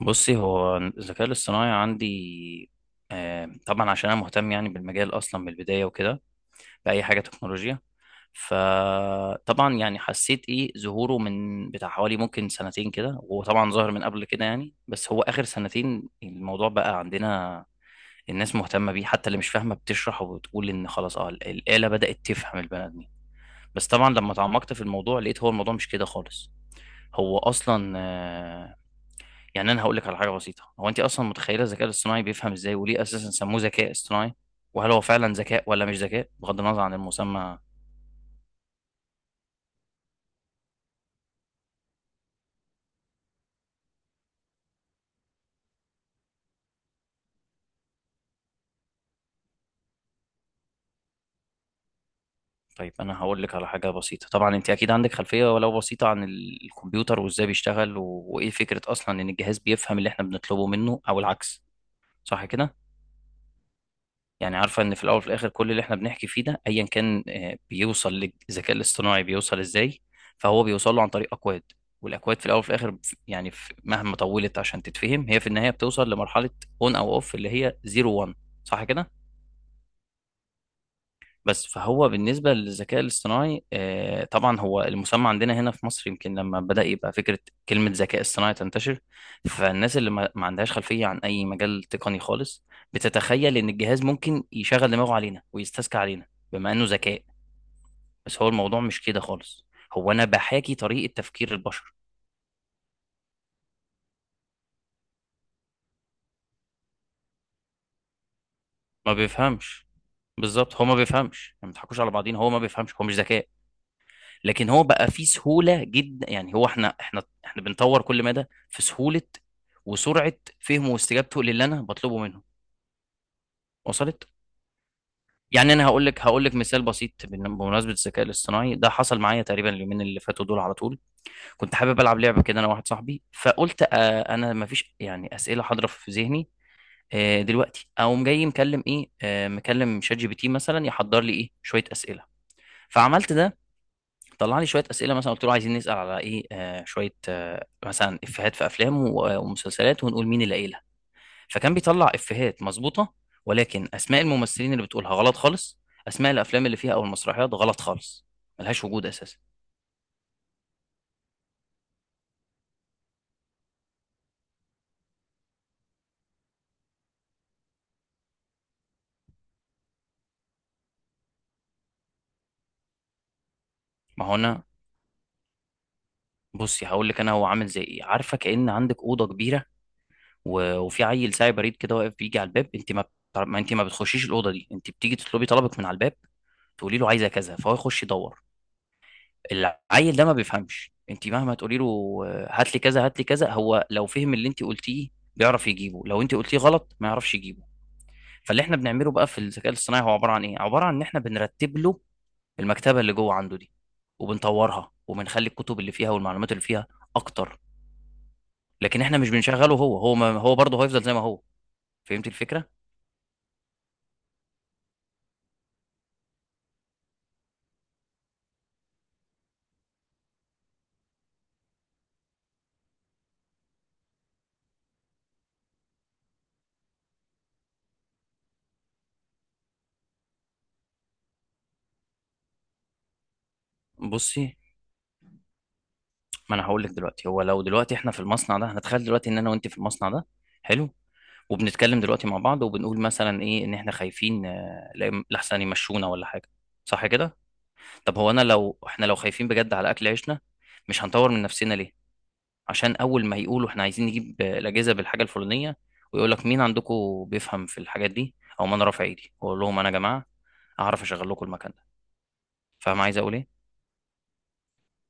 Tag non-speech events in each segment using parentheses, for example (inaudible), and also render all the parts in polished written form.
بصي، هو الذكاء الاصطناعي عندي طبعا، عشان انا مهتم يعني بالمجال اصلا من البدايه وكده. باي حاجه تكنولوجيا. فطبعا يعني حسيت ايه ظهوره من بتاع حوالي ممكن سنتين كده، وهو طبعا ظاهر من قبل كده يعني، بس هو اخر سنتين الموضوع بقى عندنا. الناس مهتمه بيه، حتى اللي مش فاهمه بتشرح وبتقول ان خلاص الاله بدات تفهم البني ادمين. بس طبعا لما تعمقت في الموضوع لقيت هو الموضوع مش كده خالص. هو اصلا يعني انا هقول لك على حاجه بسيطه، هو انت اصلا متخيله الذكاء الاصطناعي بيفهم ازاي، وليه اساسا سموه ذكاء اصطناعي، وهل هو فعلا ذكاء ولا مش ذكاء بغض النظر عن المسمى؟ طيب انا هقول لك على حاجه بسيطه. طبعا انت اكيد عندك خلفيه ولو بسيطه عن الكمبيوتر وازاي بيشتغل وايه فكره اصلا ان الجهاز بيفهم اللي احنا بنطلبه منه او العكس، صح كده؟ يعني عارفة ان في الاول وفي الاخر كل اللي احنا بنحكي فيه ده ايا كان، بيوصل للذكاء الاصطناعي، بيوصل ازاي؟ فهو بيوصل له عن طريق اكواد. والاكواد في الاول وفي الاخر يعني مهما طولت عشان تتفهم، هي في النهاية بتوصل لمرحلة اون او اوف، اللي هي 0 1. صح كده؟ بس فهو بالنسبة للذكاء الاصطناعي، طبعا هو المسمى عندنا هنا في مصر يمكن لما بدأ يبقى فكرة، كلمة ذكاء اصطناعي تنتشر، فالناس اللي ما عندهاش خلفية عن أي مجال تقني خالص بتتخيل إن الجهاز ممكن يشغل دماغه علينا ويستذكى علينا بما إنه ذكاء. بس هو الموضوع مش كده خالص، هو أنا بحاكي طريقة تفكير البشر. ما بيفهمش. بالظبط، هو ما بيفهمش. يعني ما تضحكوش على بعضين، هو ما بيفهمش، هو مش ذكاء. لكن هو بقى فيه سهولة جدا، يعني هو احنا، احنا بنطور كل مدى في سهولة وسرعة فهمه واستجابته للي انا بطلبه منه. وصلت؟ يعني انا هقول لك مثال بسيط بمناسبة الذكاء الاصطناعي ده. حصل معايا تقريبا اليومين اللي فاتوا دول على طول. كنت حابب العب لعبة كده انا واحد صاحبي، فقلت انا مفيش يعني أسئلة حاضرة في ذهني. دلوقتي اقوم جاي مكلم ايه آه مكلم شات جي بي تي مثلا يحضر لي ايه شوية أسئلة. فعملت ده. طلع لي شويه اسئله، مثلا قلت له عايزين نسال على ايه، شويه مثلا افيهات في افلام ومسلسلات، ونقول مين اللي قايلها. فكان بيطلع افيهات مظبوطه، ولكن اسماء الممثلين اللي بتقولها غلط خالص، اسماء الافلام اللي فيها او المسرحيات غلط خالص، ملهاش وجود اساسا. ما هو انا، بصي هقول لك، انا هو عامل زي ايه، عارفه؟ كأن عندك اوضه كبيره، وفي عيل ساعي بريد كده واقف بيجي على الباب. انت ما انت ما بتخشيش الاوضه دي، انت بتيجي تطلبي طلبك من على الباب، تقولي له عايزه كذا، فهو يخش يدور. العيل ده ما بيفهمش. انت مهما تقولي له، هات لي كذا هات لي كذا، هو لو فهم اللي انت قلتيه بيعرف يجيبه، لو انت قلتيه غلط ما يعرفش يجيبه. فاللي احنا بنعمله بقى في الذكاء الاصطناعي هو عباره عن ايه؟ عباره عن ان احنا بنرتب له المكتبه اللي جوه عنده دي، وبنطورها، وبنخلي الكتب اللي فيها والمعلومات اللي فيها اكتر. لكن احنا مش بنشغله، هو ما هو برضه هيفضل زي ما هو. فهمت الفكره؟ بصي ما انا هقول لك دلوقتي، هو لو دلوقتي احنا في المصنع ده، هنتخيل دلوقتي ان انا وانت في المصنع ده، حلو؟ وبنتكلم دلوقتي مع بعض، وبنقول مثلا ايه، ان احنا خايفين، لحسن يمشونا ولا حاجه، صح كده؟ طب هو انا، لو احنا لو خايفين بجد على اكل عيشنا، مش هنطور من نفسنا ليه؟ عشان اول ما يقولوا احنا عايزين نجيب، الاجهزه بالحاجه الفلانيه، ويقول لك مين عندكم بيفهم في الحاجات دي، او ما انا رافع ايدي واقول لهم انا يا جماعه اعرف اشغل لكم المكان ده. فاهم عايز اقول ايه؟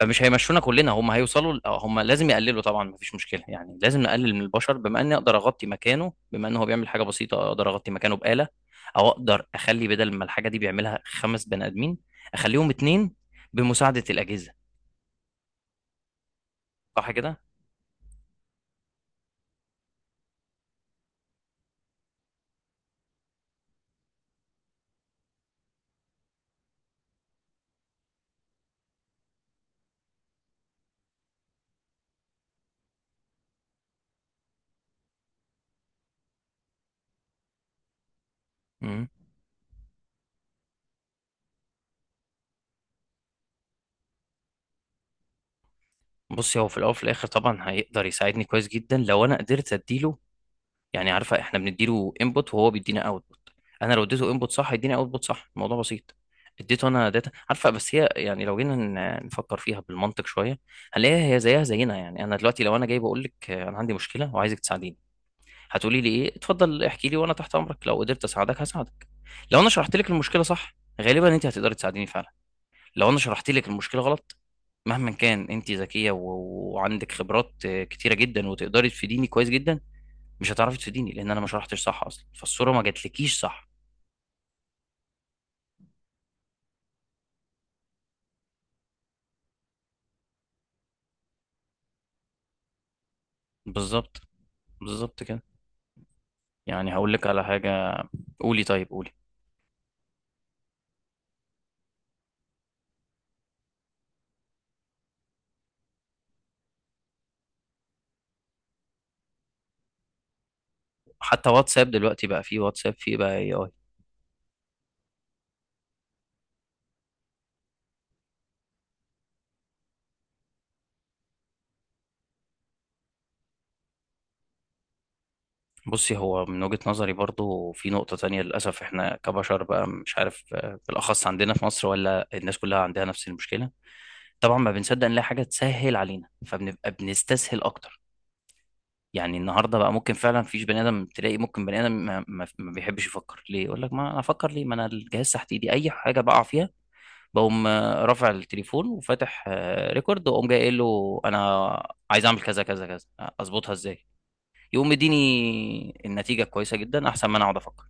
فمش هيمشونا كلنا، هم هيوصلوا، هم لازم يقللوا طبعا، مفيش مشكله يعني، لازم نقلل من البشر، بما اني اقدر اغطي مكانه، بما ان هو بيعمل حاجه بسيطه اقدر اغطي مكانه بآلة، او اقدر اخلي بدل ما الحاجه دي بيعملها خمس بني ادمين، اخليهم اتنين بمساعده الاجهزه. صح كده؟ امم بص، هو في الاول وفي الاخر طبعا هيقدر يساعدني كويس جدا لو انا قدرت اديله. يعني عارفه، احنا بنديله انبوت وهو بيدينا اوتبوت. انا لو اديته انبوت صح يديني اوتبوت صح، الموضوع بسيط. اديته انا داتا، عارفه، بس هي يعني لو جينا نفكر فيها بالمنطق شويه، هنلاقيها هي زيها زينا. يعني انا دلوقتي لو انا جاي بقول لك، انا عندي مشكله وعايزك تساعديني، هتقولي لي ايه؟ اتفضل احكي لي، وانا تحت امرك، لو قدرت اساعدك هساعدك. لو انا شرحت لك المشكله صح، غالبا انت هتقدري تساعديني فعلا. لو انا شرحت لك المشكله غلط، مهما كان انت ذكيه وعندك خبرات كتيره جدا، وتقدري تفيديني كويس جدا، مش هتعرفي تفيديني، لان انا ما شرحتش صح اصلا، فالصوره ما جاتلكيش صح. بالظبط. بالظبط كده. يعني هقول لك على حاجه. قولي، طيب قولي. حتى واتساب دلوقتي بقى فيه، واتساب فيه بقى اي اي. بصي، هو من وجهة نظري برضو في نقطة تانية للأسف. إحنا كبشر بقى، مش عارف، بالأخص عندنا في مصر، ولا الناس كلها عندها نفس المشكلة، طبعا ما بنصدق نلاقي حاجة تسهل علينا فبنبقى بنستسهل أكتر. يعني النهارده بقى ممكن فعلا فيش بني ادم، تلاقي ممكن بني ادم ما بيحبش يفكر ليه، يقول لك ما انا افكر ليه، ما انا الجهاز تحت ايدي اي حاجه بقع فيها، بقوم رافع التليفون وفاتح ريكورد واقوم جاي قايل له انا عايز اعمل كذا كذا كذا، اظبطها ازاي، يقوم مديني النتيجه كويسه جدا احسن ما انا اقعد افكر.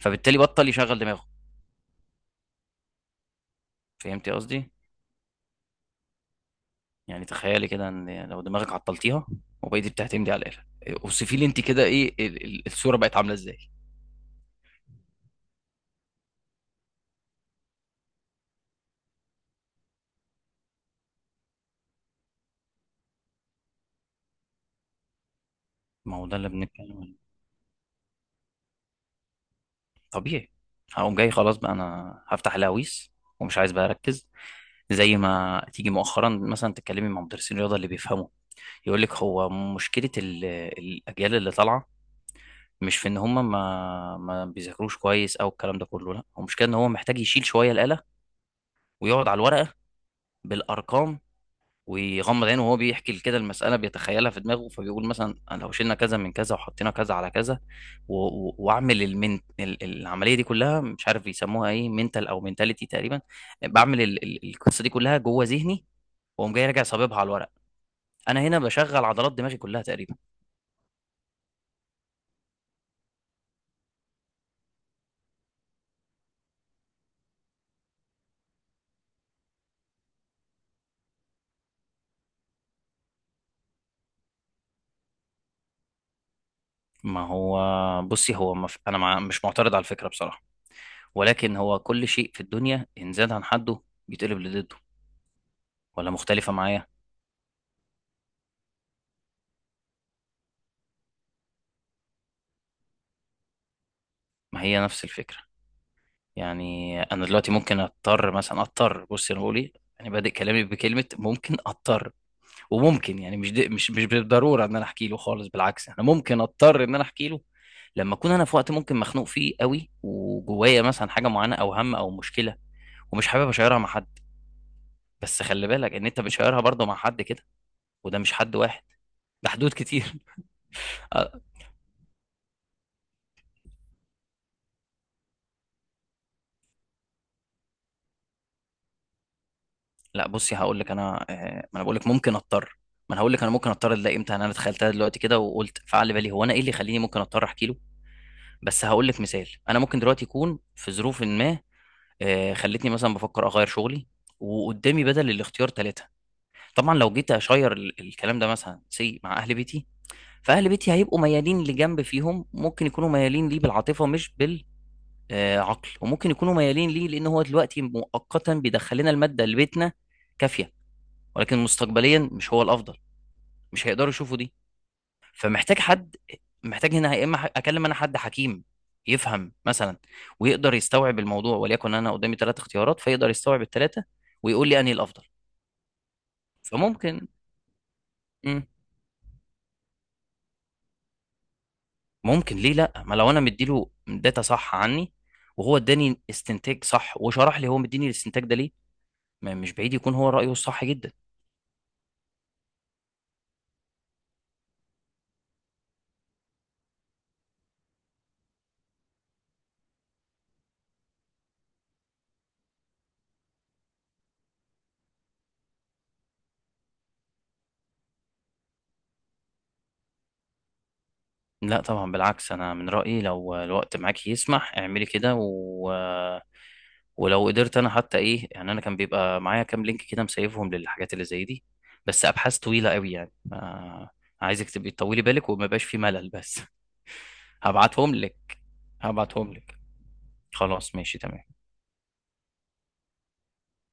فبالتالي بطل يشغل دماغه. فهمتي قصدي؟ يعني تخيلي كده ان، يعني لو دماغك عطلتيها وبقيتي بتعتمدي على الاله، اوصفي لي انت كده ايه الصوره بقت عامله ازاي. ما هو ده اللي بنتكلم عنه، طبيعي. هقوم جاي خلاص بقى، انا هفتح الهويس، ومش عايز بقى اركز. زي ما تيجي مؤخرا مثلا تتكلمي مع مدرسين الرياضه اللي بيفهموا، يقول لك هو مشكلة الأجيال اللي طالعة مش في إن هم ما بيذاكروش كويس أو الكلام ده كله، لا هو مشكلة إن هو محتاج يشيل شوية الآلة ويقعد على الورقة بالأرقام. ويغمض عينه وهو بيحكي كده المسألة بيتخيلها في دماغه، فبيقول مثلا أنا لو شلنا كذا من كذا وحطينا كذا على كذا، وأعمل العملية دي كلها، مش عارف يسموها إيه، منتال أو منتاليتي تقريبا. بعمل القصة دي كلها جوه ذهني، وأقوم جاي راجع صاببها على الورق. أنا هنا بشغل عضلات دماغي كلها تقريبا. ما هو بصي، هو انا مش معترض على الفكره بصراحه، ولكن هو كل شيء في الدنيا ان زاد عن حده بيتقلب لضده، ولا مختلفه معايا؟ ما هي نفس الفكره. يعني انا دلوقتي ممكن اضطر، مثلا اضطر، بصي انا بقول ايه، يعني بادئ كلامي بكلمه ممكن اضطر، وممكن يعني، مش بالضروره ان انا احكي له خالص، بالعكس انا ممكن اضطر ان انا احكي له لما اكون انا في وقت ممكن مخنوق فيه قوي، وجوايا مثلا حاجه معينه او هم او مشكله ومش حابب اشيرها مع حد، بس خلي بالك ان انت بتشيرها برضه مع حد كده، وده مش حد واحد، ده حدود كتير. (laughs) آه، لا بصي هقول لك انا، ما انا بقول لك ممكن اضطر. ما انا هقول لك انا ممكن اضطر ده امتى؟ انا تخيلتها دلوقتي كده وقلت فعل بالي هو انا ايه اللي يخليني ممكن اضطر احكي له. بس هقول لك مثال، انا ممكن دلوقتي يكون في ظروف ما خلتني مثلا بفكر اغير شغلي. وقدامي بدل الاختيار ثلاثة. طبعا لو جيت اشير الكلام ده مثلا سي مع اهل بيتي، فاهل بيتي هيبقوا ميالين لجنب، فيهم ممكن يكونوا ميالين ليه بالعاطفة مش بال آه، عقل، وممكن يكونوا ميالين ليه لان هو دلوقتي مؤقتا بيدخل لنا الماده اللي بيتنا كافيه، ولكن مستقبليا مش هو الافضل، مش هيقدروا يشوفوا دي. فمحتاج حد، محتاج هنا يا اما اكلم انا حد حكيم يفهم مثلا، ويقدر يستوعب الموضوع، وليكن انا قدامي ثلاث اختيارات فيقدر يستوعب الثلاثه، ويقول لي انهي الافضل، فممكن. مم، ممكن، ليه لا؟ ما لو انا مديله داتا صح عني، وهو اداني استنتاج صح، وشرح لي هو مديني الاستنتاج ده ليه، ما مش بعيد يكون هو رايه الصح جدا. لا طبعا بالعكس، انا من رأيي لو الوقت معاك يسمح اعملي كده ولو قدرت انا حتى ايه يعني، انا كان بيبقى معايا كام لينك كده مسيفهم للحاجات اللي زي دي، بس ابحاث طويلة قوي يعني ما... عايزك تبقي تطولي بالك وما يبقاش في ملل بس. (laughs) هبعتهم لك هبعتهم لك. خلاص ماشي تمام.